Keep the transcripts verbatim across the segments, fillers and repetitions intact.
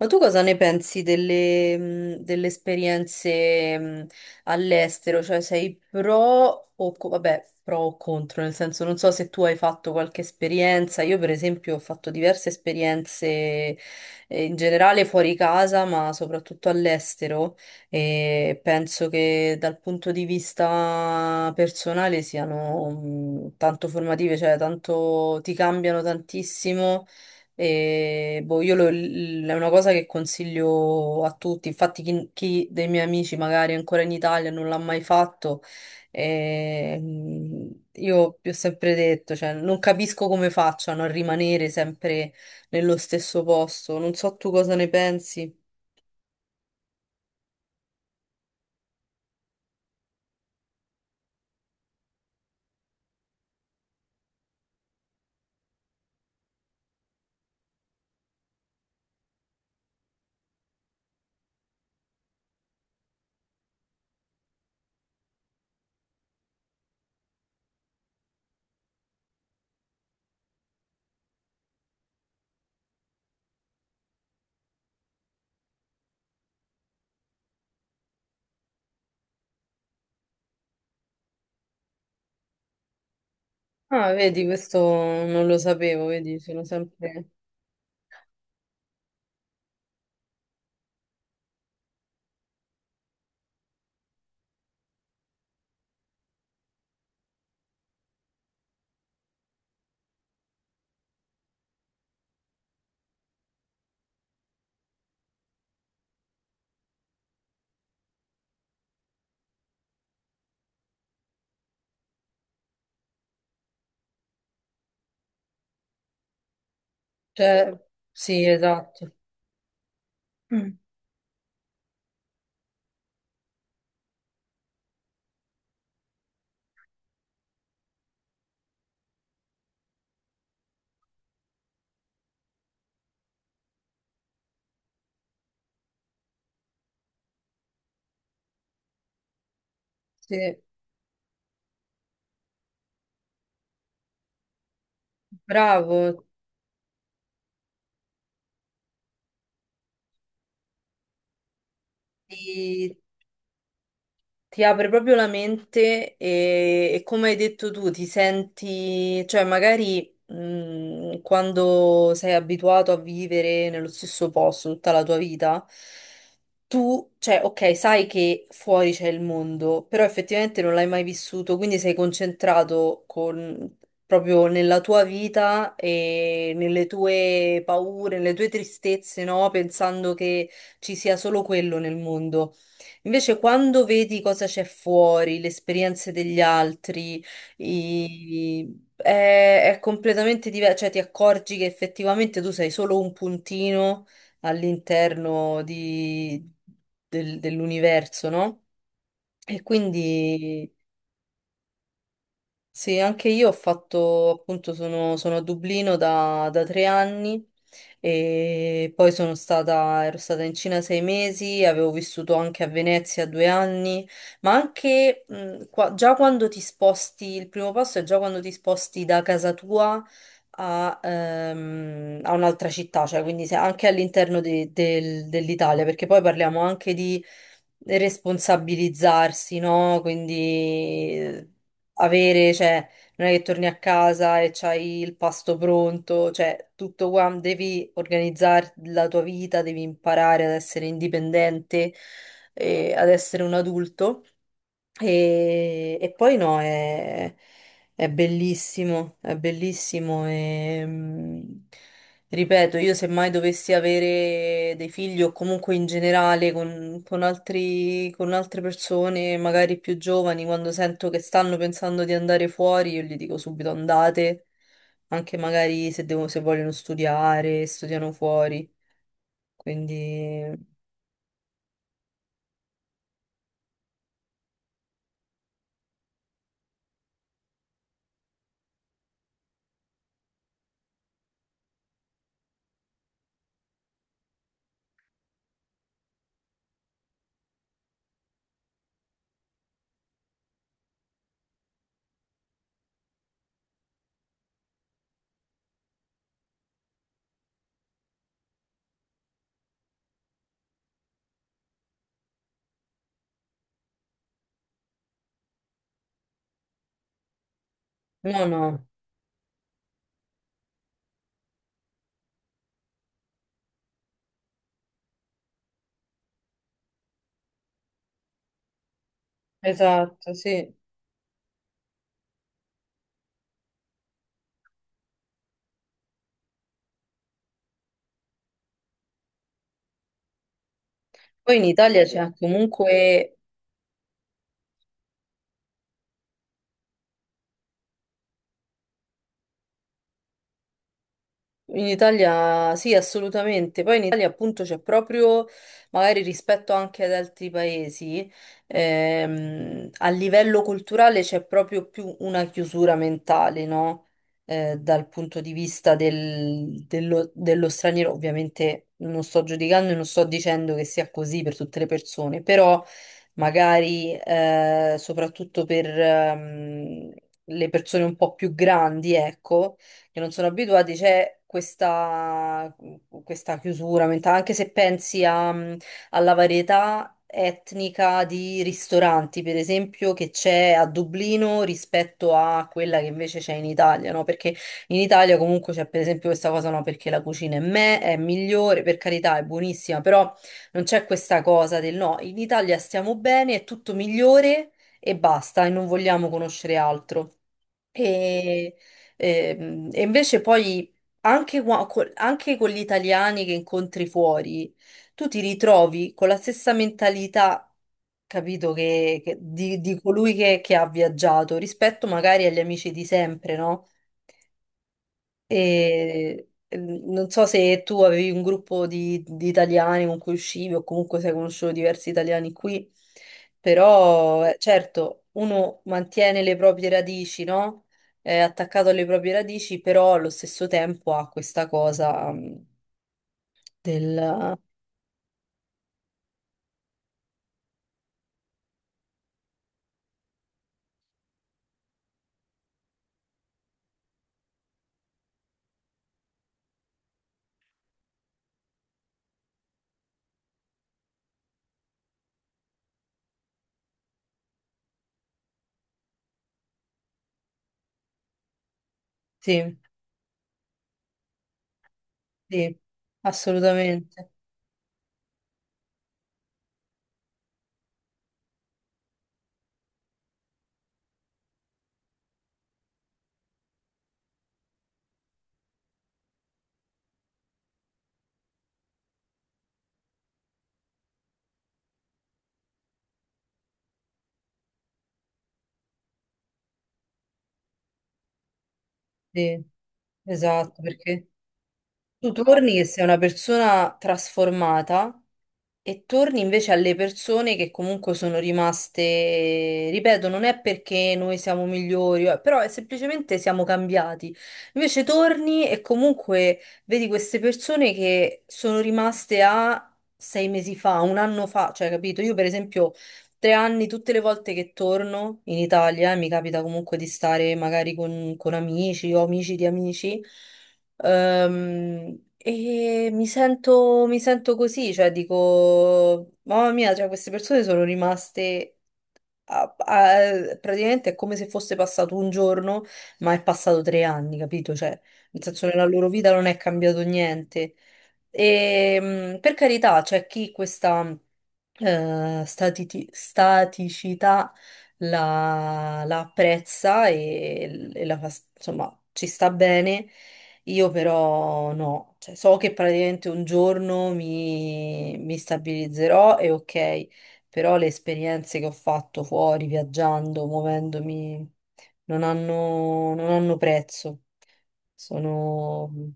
Ma tu cosa ne pensi delle, mh, delle esperienze mh, all'estero? Cioè sei pro o, co- vabbè, pro o contro? Nel senso, non so se tu hai fatto qualche esperienza. Io, per esempio, ho fatto diverse esperienze eh, in generale fuori casa, ma soprattutto all'estero. E penso che dal punto di vista personale siano mh, tanto formative, cioè tanto ti cambiano tantissimo e boh, io lo- l- è una cosa che consiglio a tutti. Infatti, chi, chi dei miei amici magari è ancora in Italia e non l'ha mai fatto, ehm, io vi ho sempre detto, cioè, non capisco come facciano a rimanere sempre nello stesso posto. Non so tu cosa ne pensi. Ah, vedi, questo non lo sapevo, vedi, sono sempre... Cioè, sì, esatto. Mm. Sì, bravo, ti, ti apre proprio la mente e, e come hai detto tu, ti senti, cioè magari mh, quando sei abituato a vivere nello stesso posto tutta la tua vita, tu, cioè, ok, sai che fuori c'è il mondo, però effettivamente non l'hai mai vissuto, quindi sei concentrato con- proprio nella tua vita e nelle tue paure, nelle tue tristezze, no? Pensando che ci sia solo quello nel mondo. Invece, quando vedi cosa c'è fuori, le esperienze degli altri, i- È, è completamente diverso, cioè ti accorgi che effettivamente tu sei solo un puntino all'interno di- del- dell'universo, no? E quindi sì, anche io ho fatto, appunto, sono, sono a Dublino da, da tre anni e poi sono stata, ero stata in Cina sei mesi, avevo vissuto anche a Venezia due anni, ma anche mh, qua- già quando ti sposti, il primo passo è già quando ti sposti da casa tua a, ehm, a un'altra città, cioè quindi se- anche all'interno de- del- dell'Italia, perché poi parliamo anche di responsabilizzarsi, no? Quindi avere, cioè, non è che torni a casa e c'hai il pasto pronto, cioè, tutto qua, devi organizzare la tua vita, devi imparare ad essere indipendente e ad essere un adulto. E, e poi no, è, è bellissimo, è bellissimo e, mm, ripeto, io se mai dovessi avere dei figli o comunque in generale con, con altri- con altre persone, magari più giovani, quando sento che stanno pensando di andare fuori, io gli dico subito andate, anche magari se devo- se vogliono studiare, studiano fuori, quindi... No, no, esatto, sì. Poi in Italia c'è comunque in Italia sì, assolutamente. Poi in Italia appunto c'è proprio, magari rispetto anche ad altri paesi, ehm, a livello culturale c'è proprio più una chiusura mentale, no? Eh, dal punto di vista del- dello, dello straniero. Ovviamente non sto giudicando e non sto dicendo che sia così per tutte le persone, però magari eh, soprattutto per ehm, le persone un po' più grandi, ecco, che non sono abituati, c'è questa, questa chiusura mentale, anche se pensi a- mm, alla varietà etnica di ristoranti, per esempio, che c'è a Dublino rispetto a quella che invece c'è in Italia, no? Perché in Italia comunque c'è per esempio questa cosa, no, perché la cucina è me, è migliore, per carità, è buonissima, però non c'è questa cosa del no, in Italia stiamo bene, è tutto migliore e basta, e non vogliamo conoscere altro. E, ehm, e invece poi anche, qua- col- anche con gli italiani che incontri fuori, tu ti ritrovi con la stessa mentalità, capito, che, che- di, di colui che, che ha viaggiato rispetto magari agli amici di sempre, no? E eh, non so se tu avevi un gruppo di, di italiani con cui uscivi o comunque sei conosciuto diversi italiani qui, però eh, certo uno mantiene le proprie radici, no? È attaccato alle proprie radici, però allo stesso tempo ha questa cosa mm, del... Sì, sì, assolutamente, sì, esatto, perché tu torni che sei una persona trasformata e torni invece alle persone che comunque sono rimaste, ripeto, non è perché noi siamo migliori, eh, però è semplicemente siamo cambiati. Invece torni e comunque vedi queste persone che sono rimaste a sei mesi fa, un anno fa, cioè capito? Io per esempio tre anni, tutte le volte che torno in Italia, e mi capita comunque di stare magari con, con amici o amici di amici. Ehm, e mi sento, mi sento così, cioè dico, mamma mia, cioè, queste persone sono rimaste a- a- praticamente è come se fosse passato un giorno, ma è passato tre anni, capito? Cioè, nel senso, nella loro vita non è cambiato niente. E, mh, per carità, c'è chi questa eh, statiti- staticità la, la apprezza e, e la fa, insomma, ci sta bene. Io però no. Cioè, so che praticamente un giorno mi, mi stabilizzerò e ok, però le esperienze che ho fatto fuori, viaggiando, muovendomi, non hanno, non hanno prezzo. Sono...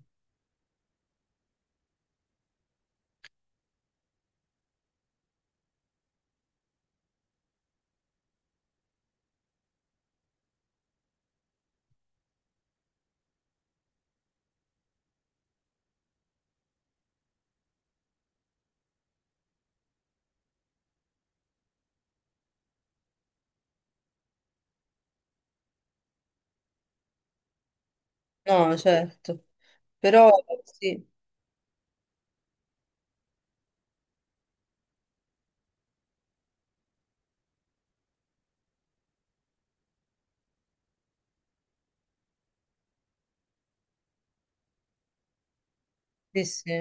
No, certo. Però sì, sì, sì.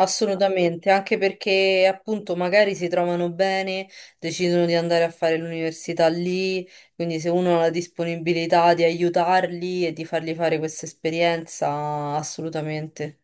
Assolutamente, anche perché appunto magari si trovano bene, decidono di andare a fare l'università lì, quindi se uno ha la disponibilità di aiutarli e di fargli fare questa esperienza, assolutamente.